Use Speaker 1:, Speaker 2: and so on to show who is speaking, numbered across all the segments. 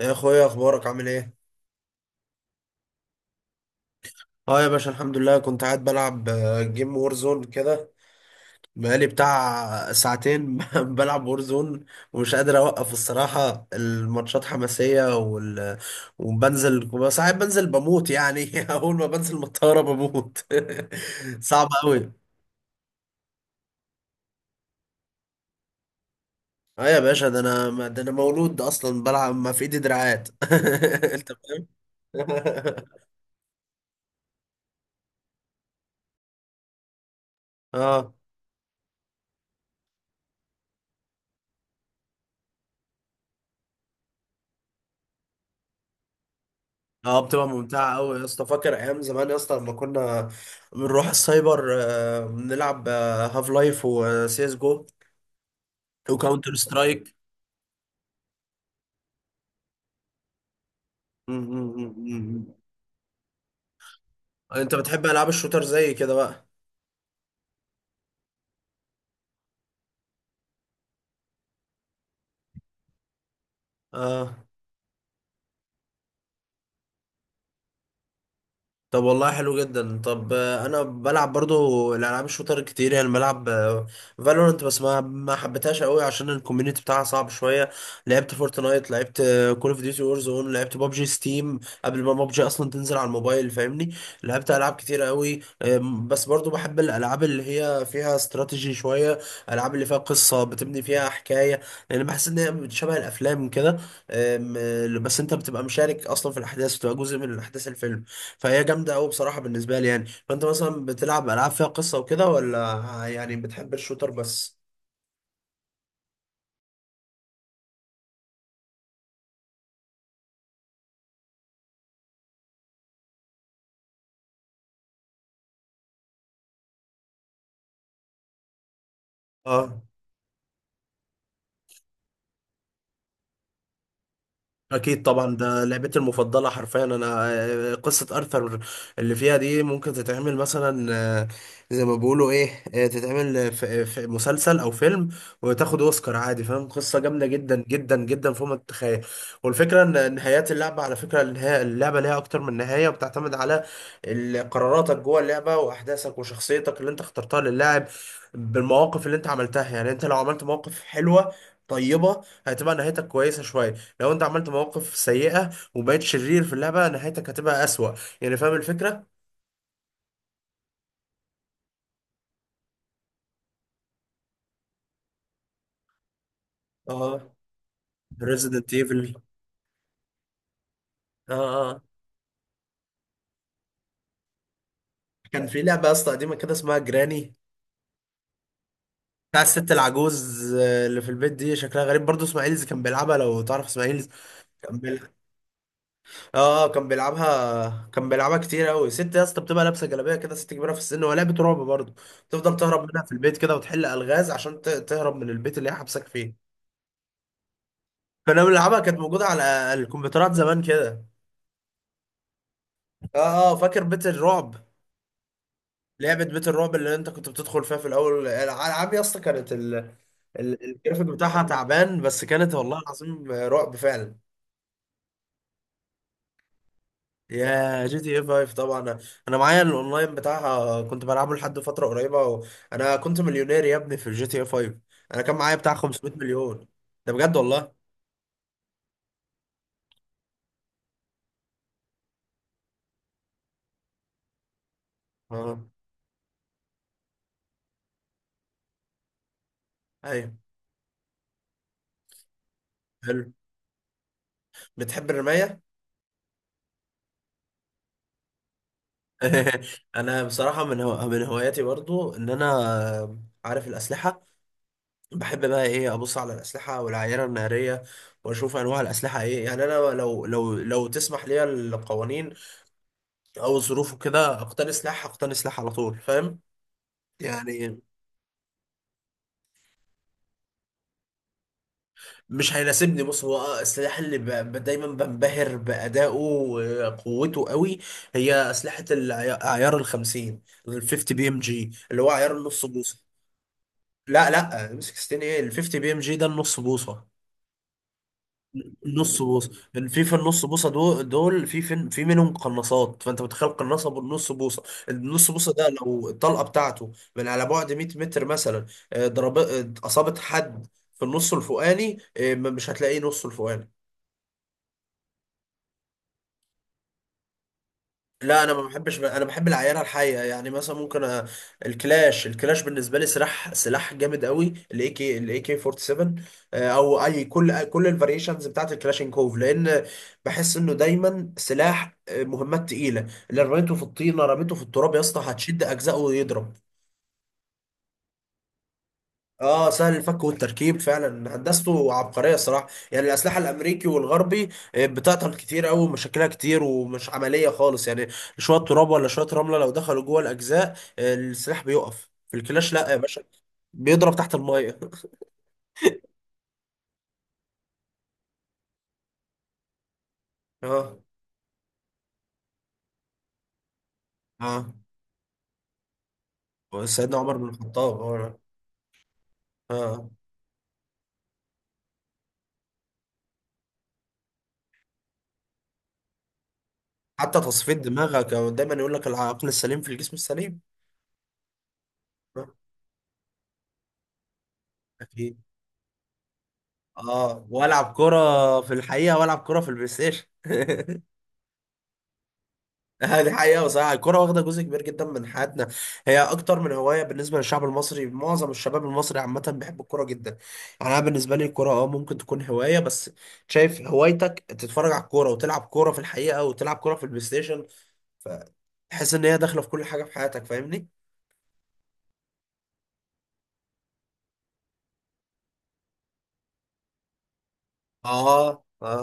Speaker 1: يا اخويا، اخبارك عامل ايه؟ اه يا باشا، الحمد لله. كنت قاعد بلعب جيم وورزون كده. بقالي بتاع ساعتين بلعب وورزون، ومش قادر اوقف الصراحة. الماتشات حماسية وبنزل ساعات بنزل بموت يعني. اول ما بنزل من الطيارة بموت. صعب قوي. اه يا باشا، ده انا مولود اصلا بلعب، ما في ايدي دراعات. انت فاهم. اه. اه، بتبقى ممتعة أوي يا اسطى. فاكر أيام زمان يا اسطى لما كنا بنروح السايبر؟ بنلعب هاف لايف وسي اس جو وكاونتر سترايك. أنت بتحب ألعاب الشوتر زي كده بقى. اه. طب والله حلو جدا. طب، انا بلعب برضو الالعاب الشوتر كتير، يعني بلعب فالورنت، بس ما حبيتهاش قوي عشان الكوميونتي بتاعها صعب شويه. لعبت فورتنايت، لعبت كول اوف ديوتي وور زون، لعبت بابجي ستيم قبل ما بابجي اصلا تنزل على الموبايل، فاهمني؟ لعبت العاب كتير قوي، بس برضو بحب الالعاب اللي هي فيها استراتيجي شويه، الالعاب اللي فيها قصه، بتبني فيها حكايه، لان بحس ان هي شبه الافلام كده. آم، آه، بس انت بتبقى مشارك اصلا في الاحداث، بتبقى جزء من الاحداث، الفيلم. فهي جامده قوي بصراحه بالنسبه لي يعني. فانت مثلا بتلعب العاب فيها قصه وكده، ولا يعني بتحب الشوتر بس؟ اه. اكيد طبعا، ده لعبتي المفضله حرفيا انا. قصه ارثر اللي فيها دي ممكن تتعمل مثلا، آه، زي ما بيقولوا ايه، تتعمل في مسلسل او فيلم، وتاخد اوسكار عادي، فاهم؟ قصه جامده جدا جدا جدا فوق ما تتخيل. والفكره ان نهايات اللعبه، على فكره النهاية، اللعبه ليها اكتر من نهايه، وبتعتمد على قراراتك جوه اللعبه واحداثك وشخصيتك اللي انت اخترتها للاعب، بالمواقف اللي انت عملتها. يعني انت لو عملت مواقف حلوه طيبه، هتبقى نهايتك كويسه شويه. لو انت عملت مواقف سيئة وبقيت شرير في اللعبة، نهايتك هتبقى أسوأ، يعني فاهم الفكرة؟ اه. ريزيدنت ايفل. اه. اه، كان في لعبة يا اسطى قديمة كده اسمها جراني، بتاع الست العجوز اللي في البيت دي، شكلها غريب برضه. اسماعيلز كان بيلعبها، لو تعرف اسماعيلز كان بيلعب. اه، كان بيلعبها كتير قوي. ست يا اسطى بتبقى لابسة جلابية كده، ست كبيرة في السن، وهي لعبة رعب برضه. تفضل تهرب منها في البيت كده، وتحل ألغاز عشان تهرب من البيت اللي هي حبسك فيه. كنا بنلعبها، كانت موجودة على الكمبيوترات زمان كده. اه. اه، فاكر بيت الرعب؟ لعبة بيت الرعب اللي انت كنت بتدخل فيها في الاول. الالعاب يا اسطى كانت الجرافيك بتاعها تعبان، بس كانت والله العظيم رعب فعلا. يا جي تي اي 5 طبعا، انا أنا معايا الاونلاين بتاعها كنت بلعبه لحد فترة قريبة انا كنت مليونير يا ابني في الجي تي اي 5، انا كان معايا بتاع 500 مليون. ده بجد والله. اه. ايوه. حلو. بتحب الرماية؟ انا بصراحة من هواياتي برضو ان انا عارف الاسلحة. بحب بقى ايه، ابص على الاسلحه والعينه الناريه، واشوف انواع الاسلحه ايه. يعني انا لو لو تسمح لي القوانين او الظروف وكده، اقتني سلاح. اقتني سلاح على طول، فاهم؟ يعني مش هيناسبني. بص، هو السلاح اللي دايما بنبهر بادائه وقوته قوي، هي اسلحه العيار ال 50. ال 50 بي ام جي، اللي هو عيار النص بوصه. لا لا، امسك 60 ايه؟ ال 50 بي ام جي ده النص بوصه. نص بوصه، في النص بوصه دول في منهم قناصات. فانت متخيل قناصه بالنص بوصه؟ النص بوصه ده لو الطلقه بتاعته من على بعد 100 متر مثلا، ضرب، اصابت حد في النص الفوقاني، مش هتلاقيه. نص الفوقاني. لا، انا ما بحبش، انا بحب العينه الحيه. يعني مثلا ممكن الكلاش بالنسبه لي سلاح جامد قوي. الاي كي 47، او اي، كل الفاريشنز بتاعت الكلاشينكوف، لان بحس انه دايما سلاح مهمات تقيله. اللي رميته في الطينه، رميته في التراب يا اسطى، هتشد اجزائه ويضرب. اه، سهل الفك والتركيب فعلا. هندسته عبقريه الصراحه. يعني الاسلحه الامريكي والغربي بتعطل كتير قوي، ومشاكلها كتير، ومش عمليه خالص يعني. شويه تراب ولا شويه رمله لو دخلوا جوه الاجزاء، السلاح بيقف. في الكلاش لا يا باشا، بيضرب تحت الميه. اه. اه، سيدنا عمر بن الخطاب. اه. آه. حتى تصفيه دماغك. دايما يقول لك العقل السليم في الجسم السليم. آه. اكيد. اه، والعب كره في الحقيقه، والعب كره في البلاي ستيشن. دي حقيقة بصراحة، الكرة واخدة جزء كبير جدا من حياتنا. هي أكتر من هواية بالنسبة للشعب المصري. معظم الشباب المصري عامة بيحب الكرة جدا. يعني أنا بالنسبة لي الكرة ممكن تكون هواية بس. شايف، هوايتك تتفرج على الكورة، وتلعب كورة في الحقيقة، وتلعب كورة في البلاي ستيشن، فتحس إن هي داخلة في كل حاجة في حياتك، فاهمني؟ اه. اه.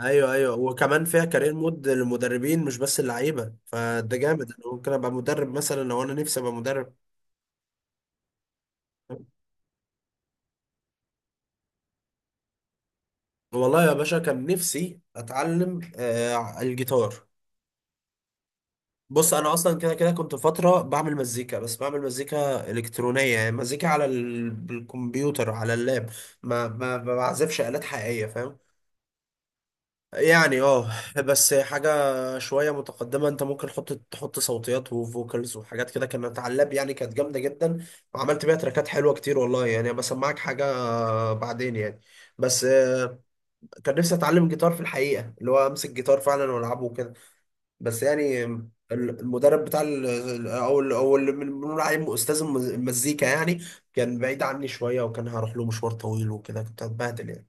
Speaker 1: ايوه، ايوه، وكمان فيها كارير مود للمدربين، مش بس اللعيبه. فده جامد، انا ممكن ابقى مدرب مثلا، لو انا نفسي ابقى مدرب. والله يا باشا، كان نفسي اتعلم الجيتار. بص، انا اصلا كده كده كنت فتره بعمل مزيكا، بس بعمل مزيكا الكترونيه. يعني مزيكا على الكمبيوتر، على اللاب. ما بعزفش الات حقيقيه، فاهم يعني؟ اه. بس حاجه شويه متقدمه. انت ممكن تحط صوتيات وفوكالز وحاجات كده، كانت على اللاب يعني. كانت جامده جدا، وعملت بيها تراكات حلوه كتير والله. يعني بسمعك حاجه بعدين يعني. بس كان نفسي اتعلم الجيتار في الحقيقه، اللي هو امسك جيتار فعلا والعبه وكده. بس يعني المدرب بتاع ال- ال- او ال- او اللي بنقول عليه استاذ المزيكا يعني، كان بعيد عني شويه، وكان هروح له مشوار طويل وكده، كنت هتبهدل يعني.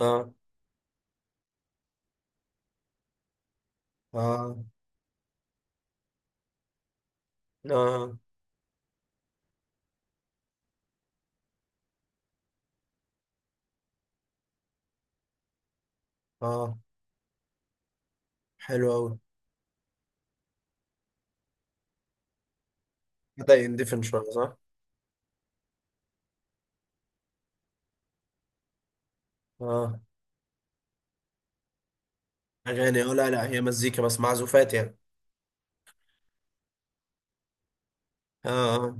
Speaker 1: اه. اه. اه. اه. حلو قوي. بدا يندفن شويه، صح. اه. اغاني، اه، لا لا هي مزيكا بس، معزوفات يعني. اه. اه.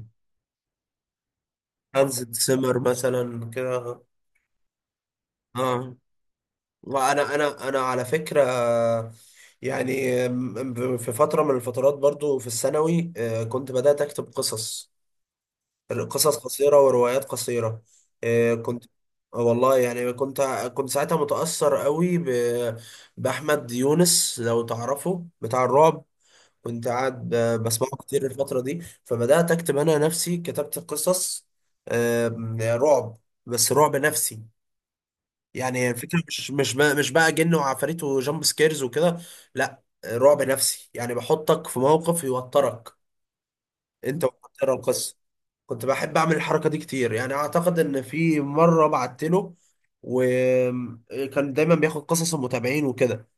Speaker 1: هانز سيمر مثلا كده، اه. آه. وانا انا على فكره، يعني في فتره من الفترات برضو في الثانوي، كنت بدات اكتب قصص، قصص قصيره وروايات قصيره. آه، كنت آه، والله يعني كنت ساعتها متاثر قوي باحمد يونس، لو تعرفه، بتاع الرعب. كنت قاعد بسمعه كتير الفتره دي، فبدات اكتب انا نفسي، كتبت قصص آه، رعب، بس رعب نفسي. يعني الفكرة مش بقى جن وعفاريت وجامب سكيرز وكده. لا، رعب نفسي، يعني بحطك في موقف يوترك انت وترى القصة. كنت بحب اعمل الحركة دي كتير، يعني اعتقد ان في مرة بعت له، وكان دايما بياخد قصص المتابعين وكده،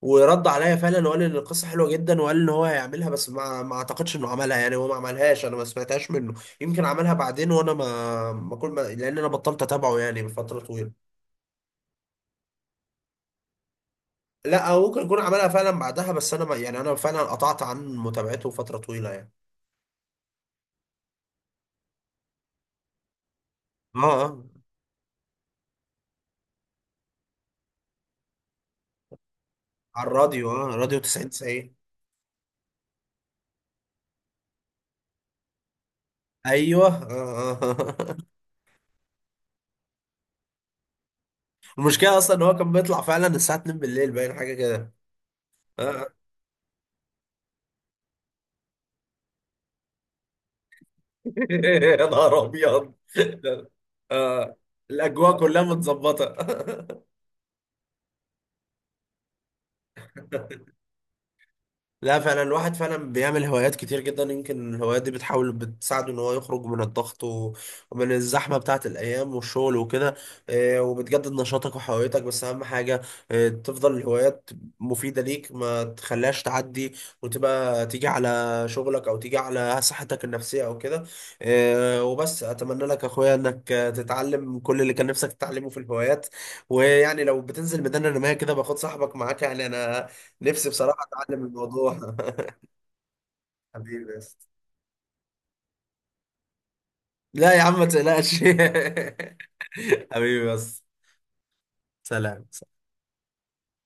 Speaker 1: ورد عليا فعلا وقال لي ان القصة حلوة جدا، وقال ان هو هيعملها. بس ما اعتقدش انه عملها، يعني هو ما عملهاش، انا ما سمعتهاش منه. يمكن عملها بعدين، وانا ما ما كل ما، لان انا بطلت اتابعه يعني من فترة طويلة. لا، هو ممكن يكون عملها فعلا بعدها، بس انا ما يعني انا فعلا قطعت عن متابعته فتره طويله يعني. اه. اه. على الراديو. اه، راديو 90 90. ايوه. آه. آه. المشكله اصلا ان هو كان بيطلع فعلا الساعه 2 بالليل، باين حاجه كده. آه. يا نهار ابيض. آه. الاجواء كلها متظبطه. لا فعلا، الواحد فعلا بيعمل هوايات كتير جدا، يمكن الهوايات دي بتحاول بتساعده ان هو يخرج من الضغط، ومن الزحمه بتاعه الايام والشغل وكده. وبتجدد نشاطك وحيويتك. بس اهم حاجه تفضل الهوايات مفيده ليك، ما تخليهاش تعدي وتبقى تيجي على شغلك او تيجي على صحتك النفسيه او كده. وبس، اتمنى لك يا اخويا انك تتعلم كل اللي كان نفسك تتعلمه في الهوايات. ويعني لو بتنزل ميدان الرمايه كده، باخد صاحبك معاك يعني، انا نفسي بصراحة اتعلم الموضوع. حبيبي بس. لا يا عم، ما تقلقش. حبيبي بس. سلام.